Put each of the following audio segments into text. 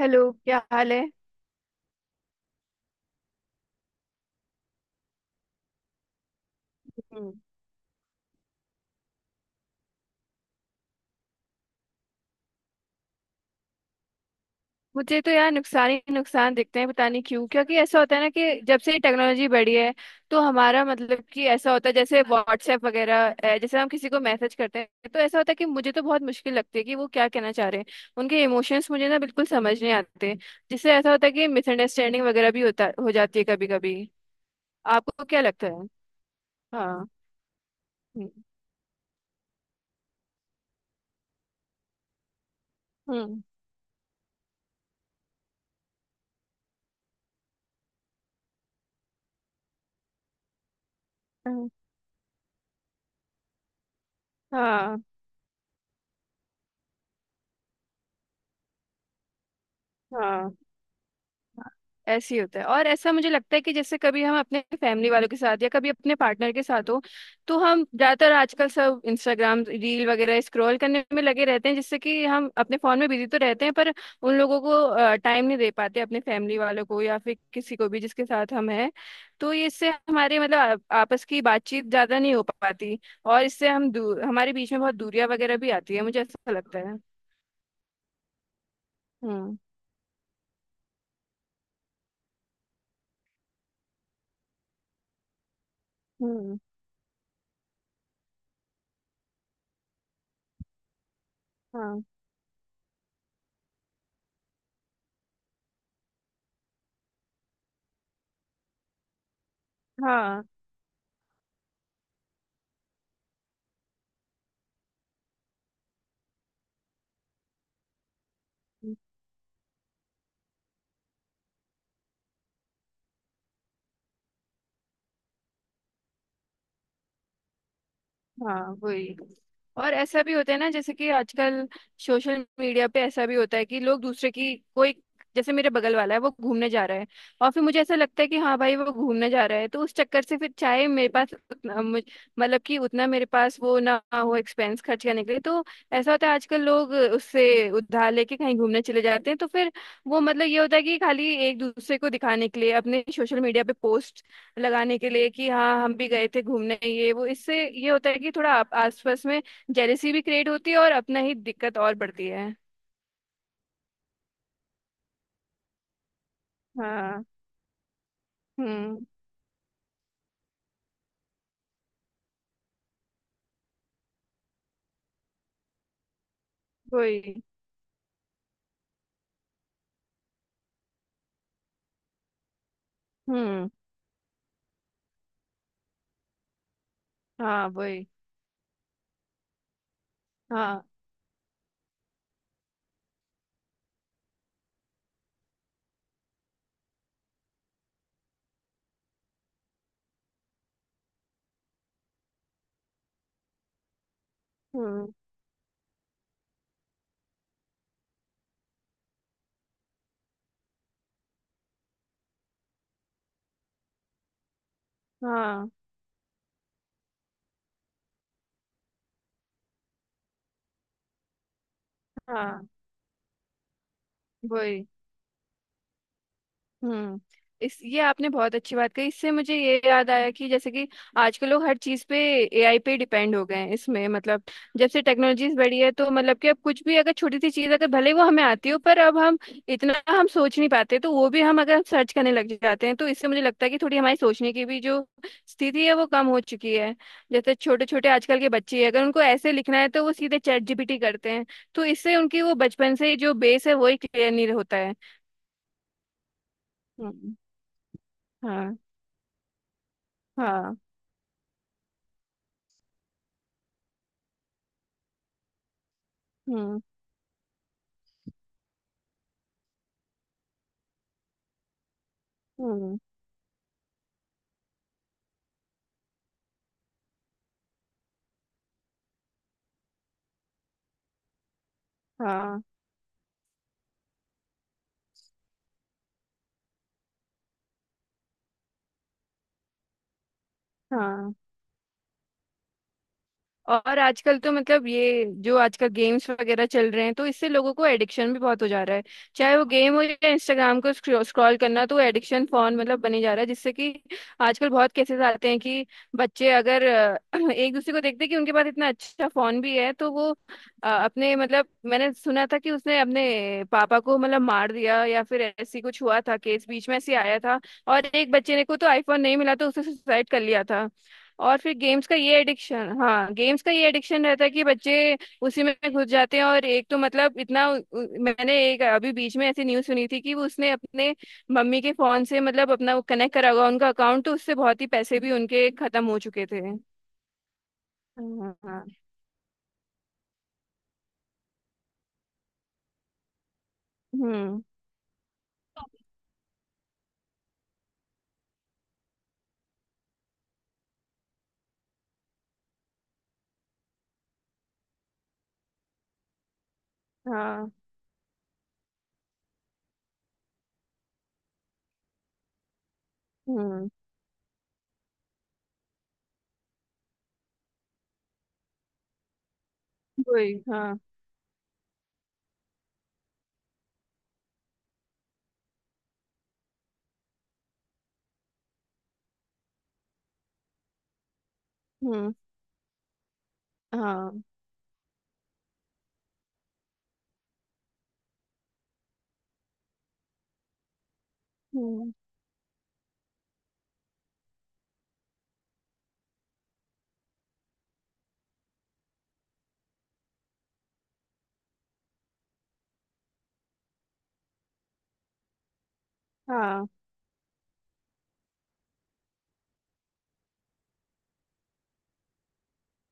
Hello, क्या हाल है? हम्म। मुझे तो यार नुकसान ही नुकसान दिखते हैं, पता नहीं क्यों, क्योंकि ऐसा होता है ना कि जब से टेक्नोलॉजी बढ़ी है तो हमारा मतलब कि ऐसा होता है जैसे व्हाट्सएप वगैरह, जैसे हम किसी को मैसेज करते हैं तो ऐसा होता है कि मुझे तो बहुत मुश्किल लगती है कि वो क्या कहना चाह रहे हैं। उनके इमोशंस मुझे ना बिल्कुल समझ नहीं आते, जिससे ऐसा होता है कि मिसअंडरस्टैंडिंग वगैरह भी होता हो जाती है कभी कभी। आपको क्या लगता है? हाँ। हम्म। हम्म। हाँ। हाँ। ऐसे ही होता है, और ऐसा मुझे लगता है कि जैसे कभी हम अपने फैमिली वालों के साथ या कभी अपने पार्टनर के साथ हो, तो हम ज्यादातर आजकल सब इंस्टाग्राम रील वगैरह स्क्रॉल करने में लगे रहते हैं, जिससे कि हम अपने फोन में बिजी तो रहते हैं पर उन लोगों को टाइम नहीं दे पाते, अपने फैमिली वालों को या फिर किसी को भी जिसके साथ हम हैं। तो ये इससे हमारे मतलब आपस की बातचीत ज्यादा नहीं हो पाती, और इससे हम दूर हमारे बीच में बहुत दूरियां वगैरह भी आती है, मुझे ऐसा लगता है। हम्म। हम्म। हाँ। हाँ। हाँ, वही। और ऐसा भी होता है ना, जैसे कि आजकल सोशल मीडिया पे ऐसा भी होता है कि लोग दूसरे की कोई, जैसे मेरे बगल वाला है वो घूमने जा रहा है, और फिर मुझे ऐसा लगता है कि हाँ भाई वो घूमने जा रहा है, तो उस चक्कर से फिर चाहे मेरे पास उतना मतलब कि उतना मेरे पास वो ना हो एक्सपेंस खर्च करने के लिए, तो ऐसा होता है आजकल लोग उससे उधार लेके कहीं घूमने चले जाते हैं, तो फिर वो मतलब ये होता है कि खाली एक दूसरे को दिखाने के लिए अपने सोशल मीडिया पे पोस्ट लगाने के लिए कि हाँ हम भी गए थे घूमने, ये वो, इससे ये होता है कि थोड़ा आसपास में जेलेसी भी क्रिएट होती है और अपना ही दिक्कत और बढ़ती है। हाँ। हम्म। वही। हम्म। हाँ। वही। हाँ। हम्म। हाँ। हाँ। वही। हम्म। इस ये आपने बहुत अच्छी बात कही, इससे मुझे ये याद आया कि जैसे कि आजकल लोग हर चीज पे एआई पे डिपेंड हो गए हैं, इसमें मतलब जब से टेक्नोलॉजीज बढ़ी है तो मतलब कि अब कुछ भी अगर छोटी सी चीज अगर भले ही वो हमें आती हो पर अब हम इतना हम सोच नहीं पाते, तो वो भी हम अगर सर्च करने लग जाते हैं, तो इससे मुझे लगता है कि थोड़ी हमारी सोचने की भी जो स्थिति है वो कम हो चुकी है। जैसे छोटे छोटे आजकल के बच्चे हैं, अगर उनको ऐसे लिखना है तो वो सीधे चैट जीपीटी करते हैं, तो इससे उनकी वो बचपन से ही जो बेस है वही क्लियर नहीं होता है। हम्म। हाँ। हाँ। हम्म। हम्म। हाँ। हाँ। और आजकल तो मतलब ये जो आजकल गेम्स वगैरह चल रहे हैं, तो इससे लोगों को एडिक्शन भी बहुत हो जा रहा है, चाहे वो गेम हो या इंस्टाग्राम को स्क्रॉल करना, तो एडिक्शन फोन मतलब बने जा रहा है, जिससे कि आजकल बहुत केसेस आते हैं कि बच्चे अगर एक दूसरे को देखते हैं कि उनके पास इतना अच्छा फोन भी है, तो वो अपने मतलब मैंने सुना था कि उसने अपने पापा को मतलब मार दिया, या फिर ऐसी कुछ हुआ था, केस बीच में ऐसे आया था। और एक बच्चे ने को तो आईफोन नहीं मिला, तो उसने सुसाइड कर लिया था। और फिर गेम्स का ये एडिक्शन, हाँ गेम्स का ये एडिक्शन रहता है कि बच्चे उसी में घुस जाते हैं, और एक तो मतलब इतना मैंने एक अभी बीच में ऐसी न्यूज़ सुनी थी कि वो उसने अपने मम्मी के फोन से मतलब अपना वो कनेक्ट करा हुआ उनका अकाउंट, तो उससे बहुत ही पैसे भी उनके खत्म हो चुके थे। हाँ। हाँ। हम्म। हाँ। हम्म। वही। हाँ। हम्म। हाँ। हम्म। हाँ।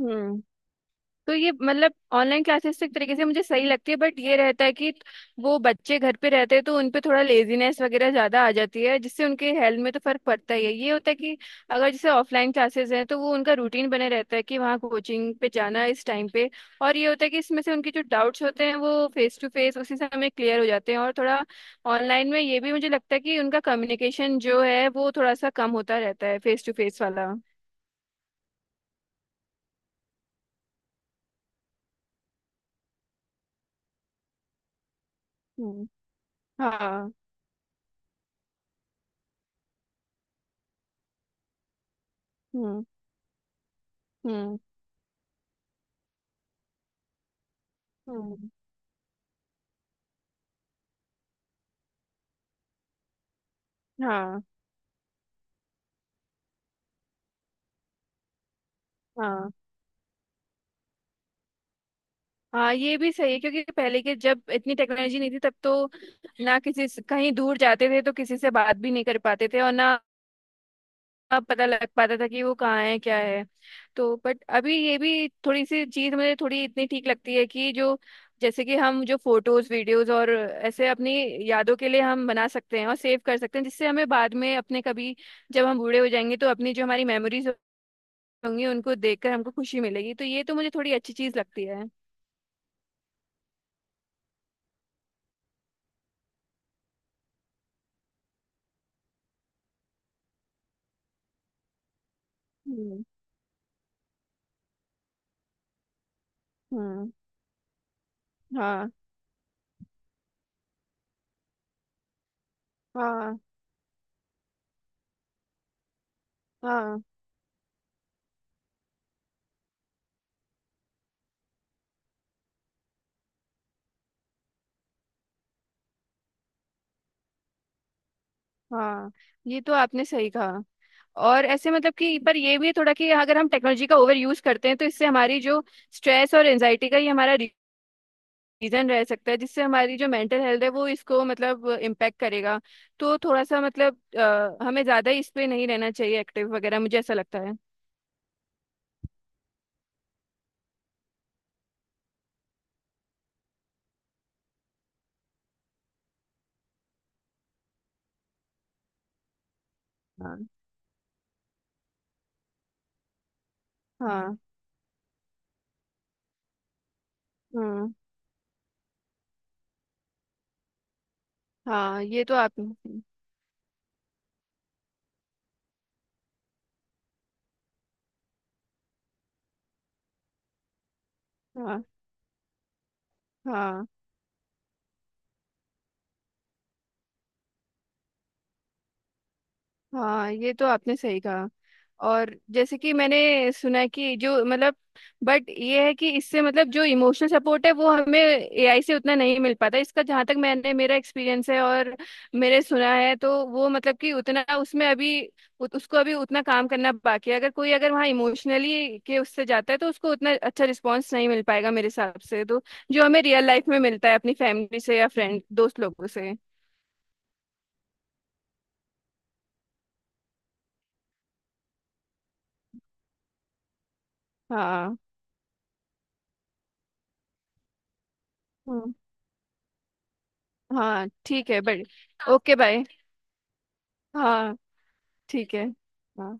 हम्म। तो ये मतलब ऑनलाइन क्लासेस एक तरीके से मुझे सही लगती है, बट ये रहता है कि वो बच्चे घर पे रहते हैं तो उन पे थोड़ा लेजीनेस वगैरह ज्यादा आ जाती है, जिससे उनके हेल्थ में तो फर्क पड़ता ही है। ये होता है कि अगर जैसे ऑफलाइन क्लासेस हैं तो वो उनका रूटीन बने रहता है कि वहाँ कोचिंग पे जाना है इस टाइम पे। और ये होता है कि इसमें से उनके जो डाउट्स होते हैं वो फेस टू फेस उसी समय क्लियर हो जाते हैं, और थोड़ा ऑनलाइन में ये भी मुझे लगता है कि उनका कम्युनिकेशन जो है वो थोड़ा सा कम होता रहता है फेस टू फेस वाला। हम्म। हाँ। हम्म। हम्म। हम्म। हाँ। हाँ। हाँ ये भी सही है, क्योंकि पहले के जब इतनी टेक्नोलॉजी नहीं थी तब तो ना कहीं दूर जाते थे तो किसी से बात भी नहीं कर पाते थे, और ना पता लग पाता था कि वो कहाँ है क्या है। तो बट अभी ये भी थोड़ी सी चीज मुझे थोड़ी इतनी ठीक लगती है कि जो जैसे कि हम जो फोटोज वीडियोज और ऐसे अपनी यादों के लिए हम बना सकते हैं और सेव कर सकते हैं, जिससे हमें बाद में अपने कभी जब हम बूढ़े हो जाएंगे तो अपनी जो हमारी मेमोरीज होंगी उनको देखकर हमको खुशी मिलेगी, तो ये तो मुझे थोड़ी अच्छी चीज लगती है। हम्म। हम्म। हाँ। हाँ। हाँ। हाँ ये तो आपने सही कहा। और ऐसे मतलब कि पर ये भी है थोड़ा कि अगर हम टेक्नोलॉजी का ओवर यूज करते हैं तो इससे हमारी जो स्ट्रेस और एंजाइटी का ये हमारा रीजन रह सकता है, जिससे हमारी जो मेंटल हेल्थ है वो इसको मतलब इम्पेक्ट करेगा। तो थोड़ा सा मतलब हमें ज्यादा इस पे नहीं रहना चाहिए एक्टिव वगैरह, मुझे ऐसा लगता है। हाँ। हाँ। हम्म। हाँ ये तो आपने। हाँ। हाँ। हाँ ये तो आपने सही कहा। और जैसे कि मैंने सुना है कि जो मतलब, बट ये है कि इससे मतलब जो इमोशनल सपोर्ट है वो हमें एआई से उतना नहीं मिल पाता, इसका जहाँ तक मैंने मेरा एक्सपीरियंस है और मेरे सुना है, तो वो मतलब कि उतना उसमें अभी उसको अभी उतना काम करना बाकी है। अगर कोई अगर वहाँ इमोशनली के उससे जाता है तो उसको उतना अच्छा रिस्पॉन्स नहीं मिल पाएगा, मेरे हिसाब से, तो जो हमें रियल लाइफ में मिलता है अपनी फैमिली से या फ्रेंड दोस्त लोगों से। हाँ। हम्म। हाँ, ठीक है बट। Okay bye. हाँ। ठीक है। हाँ।